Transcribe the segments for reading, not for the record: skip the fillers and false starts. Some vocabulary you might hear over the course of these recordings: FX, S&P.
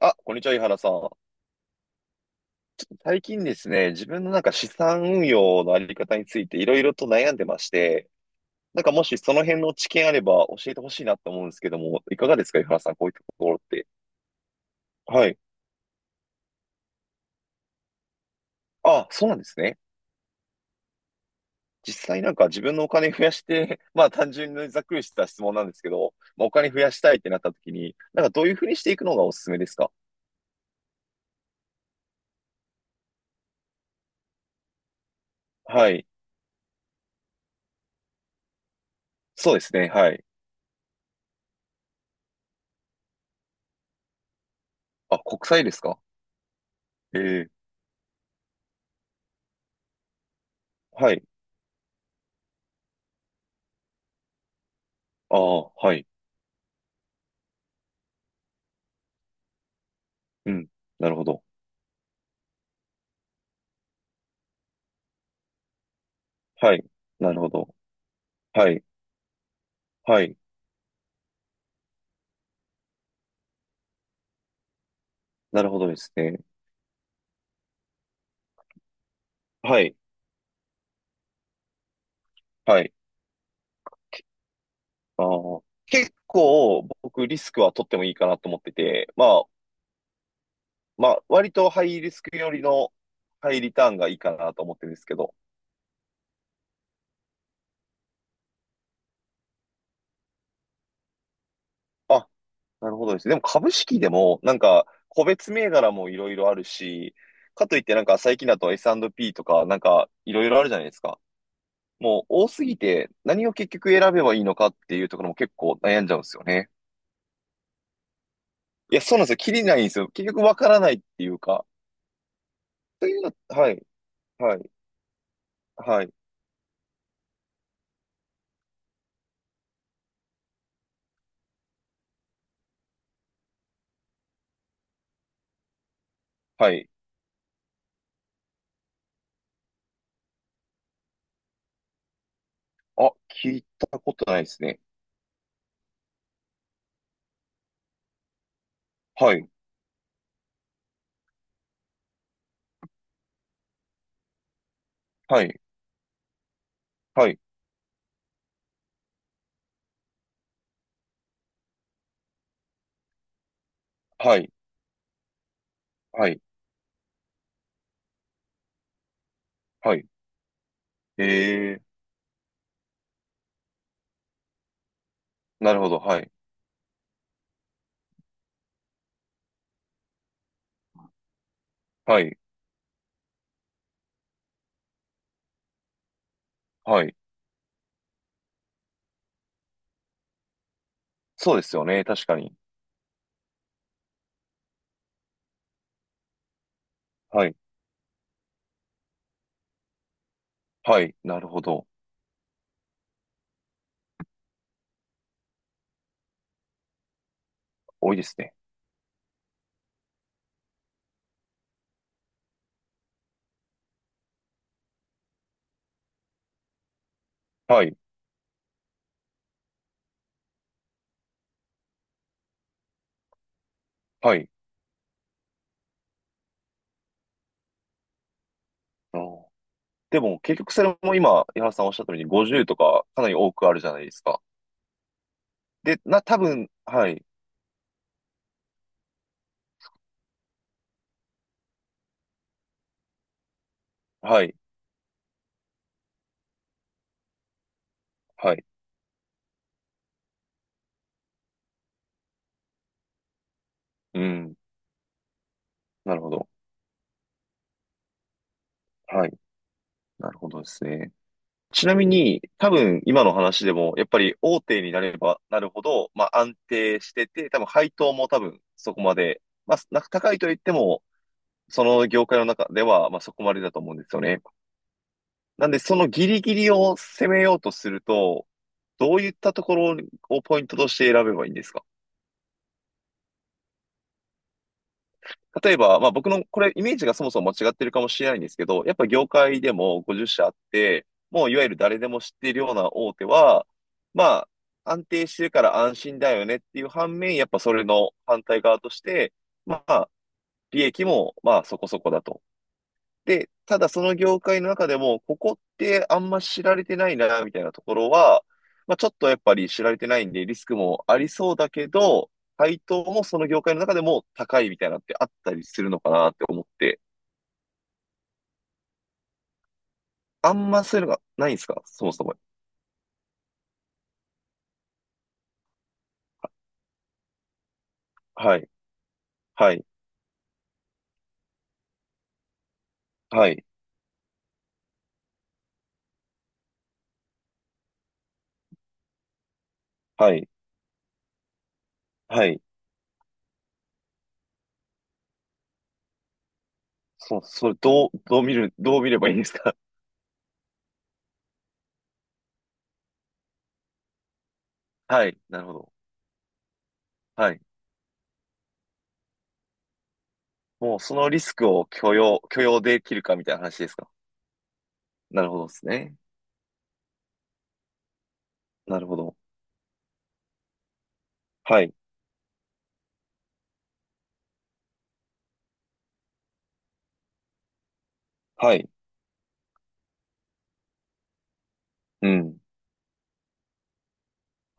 あ、こんにちは、井原さん。最近ですね、自分のなんか資産運用のあり方についていろいろと悩んでまして、なんかもしその辺の知見あれば教えてほしいなと思うんですけども、いかがですか、井原さん、こういったところって。はい。あ、そうなんですね。実際なんか自分のお金増やして、まあ単純にざっくりした質問なんですけど、まあ、お金増やしたいってなった時に、なんかどういうふうにしていくのがおすすめですか？はい。そうですね、はい。あ、国債ですか？ええ、はい。ああ、はい。うん。なるほど。はい。なるほど。はい。はい。なるほどですね。はい。はい。あー結構僕リスクは取ってもいいかなと思ってて、まあ、割とハイリスクよりのハイリターンがいいかなと思ってるんですけど。あ、なるほどです。でも株式でもなんか個別銘柄もいろいろあるし、かといってなんか最近だと S&P とかなんかいろいろあるじゃないですか。もう多すぎて何を結局選べばいいのかっていうところも結構悩んじゃうんですよね。いや、そうなんですよ。切りないんですよ。結局わからないっていうか。というのは、はい、はい、はい、はい。あ、聞いたことないですね。はい、はい、はい、はい、はい、はい。えー、なるほど、はい、はい、はい。そうですよね、確かに。はい、はい、なるほど。多いですね。はい、はい。あーでも、結局それも今、井原さんおっしゃったように50とかかなり多くあるじゃないですか。で、多分、はい、はい、はい。うん、なるほど。はい、なるほどですね。ちなみに、多分今の話でも、やっぱり大手になればなるほど、まあ安定してて、多分配当も多分そこまで、まあ高いと言っても、その業界の中では、まあそこまでだと思うんですよね。なんで、そのギリギリを攻めようとすると、どういったところをポイントとして選べばいいんですか？例えば、まあ僕のこれイメージがそもそも間違ってるかもしれないんですけど、やっぱ業界でも50社あって、もういわゆる誰でも知っているような大手は、まあ安定してるから安心だよねっていう反面、やっぱそれの反対側として、まあ利益もまあそこそこだと。で、ただその業界の中でも、ここってあんま知られてないな、みたいなところは、まあ、ちょっとやっぱり知られてないんで、リスクもありそうだけど、配当もその業界の中でも高いみたいなってあったりするのかなって思って、あんまそういうのがないんですかそもそも？はい、はい、はい、はい、はい。そう、それどう見ればいいんですか？ はい、なるほど。はい。もうそのリスクを許容できるかみたいな話ですか？なるほどですね。なるほど。はい、はい。うん。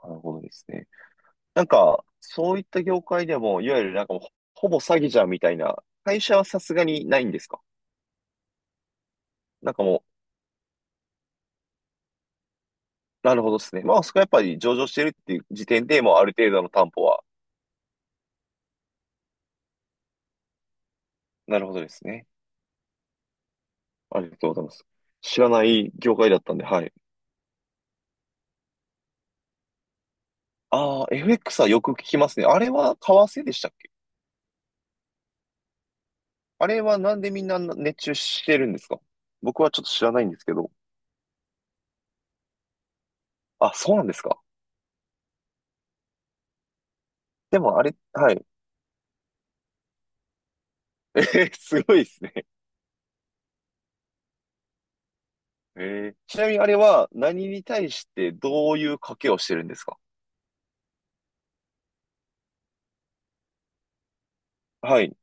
なるほどですね。なんか、そういった業界でも、いわゆるなんかもう、ほぼ詐欺じゃんみたいな、会社はさすがにないんですか？なんかもう、なるほどですね。まあ、そこはやっぱり上場してるっていう時点でもうある程度の担保は、なるほどですね。ありがとうございます。知らない業界だったんで、はい。ああ、FX はよく聞きますね。あれは為替でしたっけ？あれはなんでみんな熱中してるんですか？僕はちょっと知らないんですけど。あ、そうなんですか？でもあれ、はい。えーすごいですね。ええ、ちなみにあれは何に対してどういう賭けをしてるんですか？はい、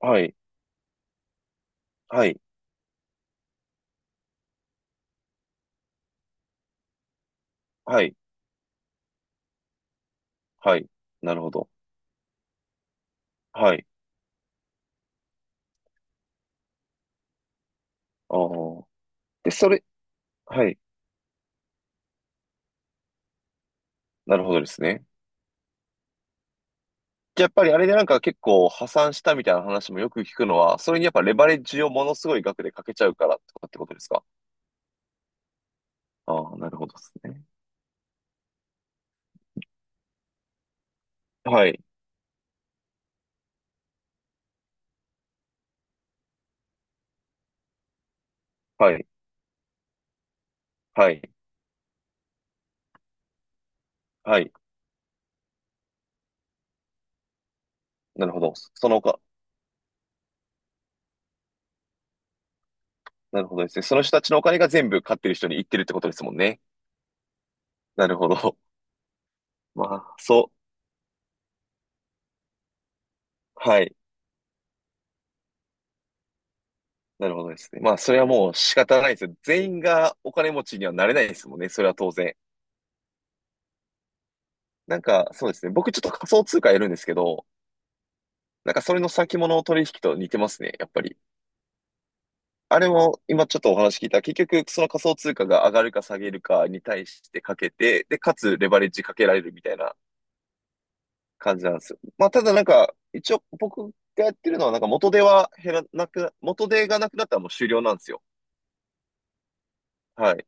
はい、はい、はい、はい。なるほど。はい。ああ。で、それ、はい。なるほどですね。じゃあやっぱりあれでなんか結構破産したみたいな話もよく聞くのは、それにやっぱレバレッジをものすごい額でかけちゃうからとかってことですか？ああ、なるほどですね。はい、はい、はい、はい。なるほど。そのおか、なるほどですね。その人たちのお金が全部勝ってる人に行ってるってことですもんね。なるほど。まあ、そう。はい。なるほどですね。まあ、それはもう仕方ないですよ。全員がお金持ちにはなれないですもんね。それは当然。なんか、そうですね。僕ちょっと仮想通貨やるんですけど、なんかそれの先物取引と似てますね。やっぱり。あれも今ちょっとお話聞いた。結局、その仮想通貨が上がるか下げるかに対してかけて、で、かつレバレッジかけられるみたいな感じなんですよ。まあ、ただなんか、一応僕がやってるのは、なんか元手は減らなくな、元手がなくなったらもう終了なんですよ。はい。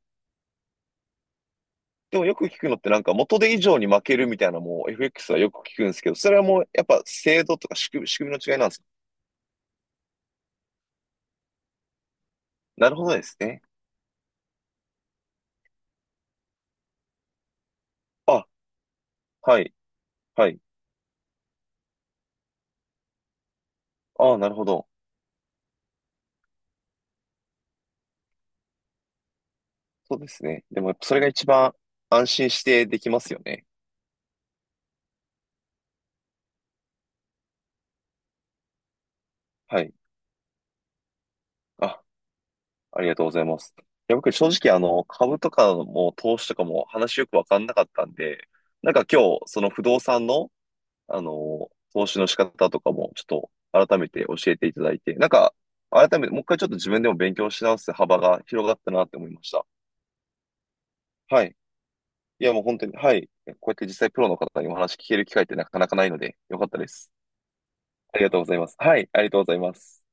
でもよく聞くのってなんか元手以上に負けるみたいなもう FX はよく聞くんですけど、それはもうやっぱ制度とか仕組みの違いなんですか？なるほどですね。あ、はい、はい。ああ、なるほど。そうですね。でもやっぱそれが一番安心してできますよね。はい。あ、ありがとうございます。いや、僕正直株とかも投資とかも話よくわかんなかったんで、なんか今日その不動産の投資の仕方とかもちょっと改めて教えていただいて、なんか、改めてもう一回ちょっと自分でも勉強し直す幅が広がったなって思いました。はい。いや、もう本当に、はい。こうやって実際プロの方にお話聞ける機会ってなかなかないので、よかったです。ありがとうございます。はい、ありがとうございます。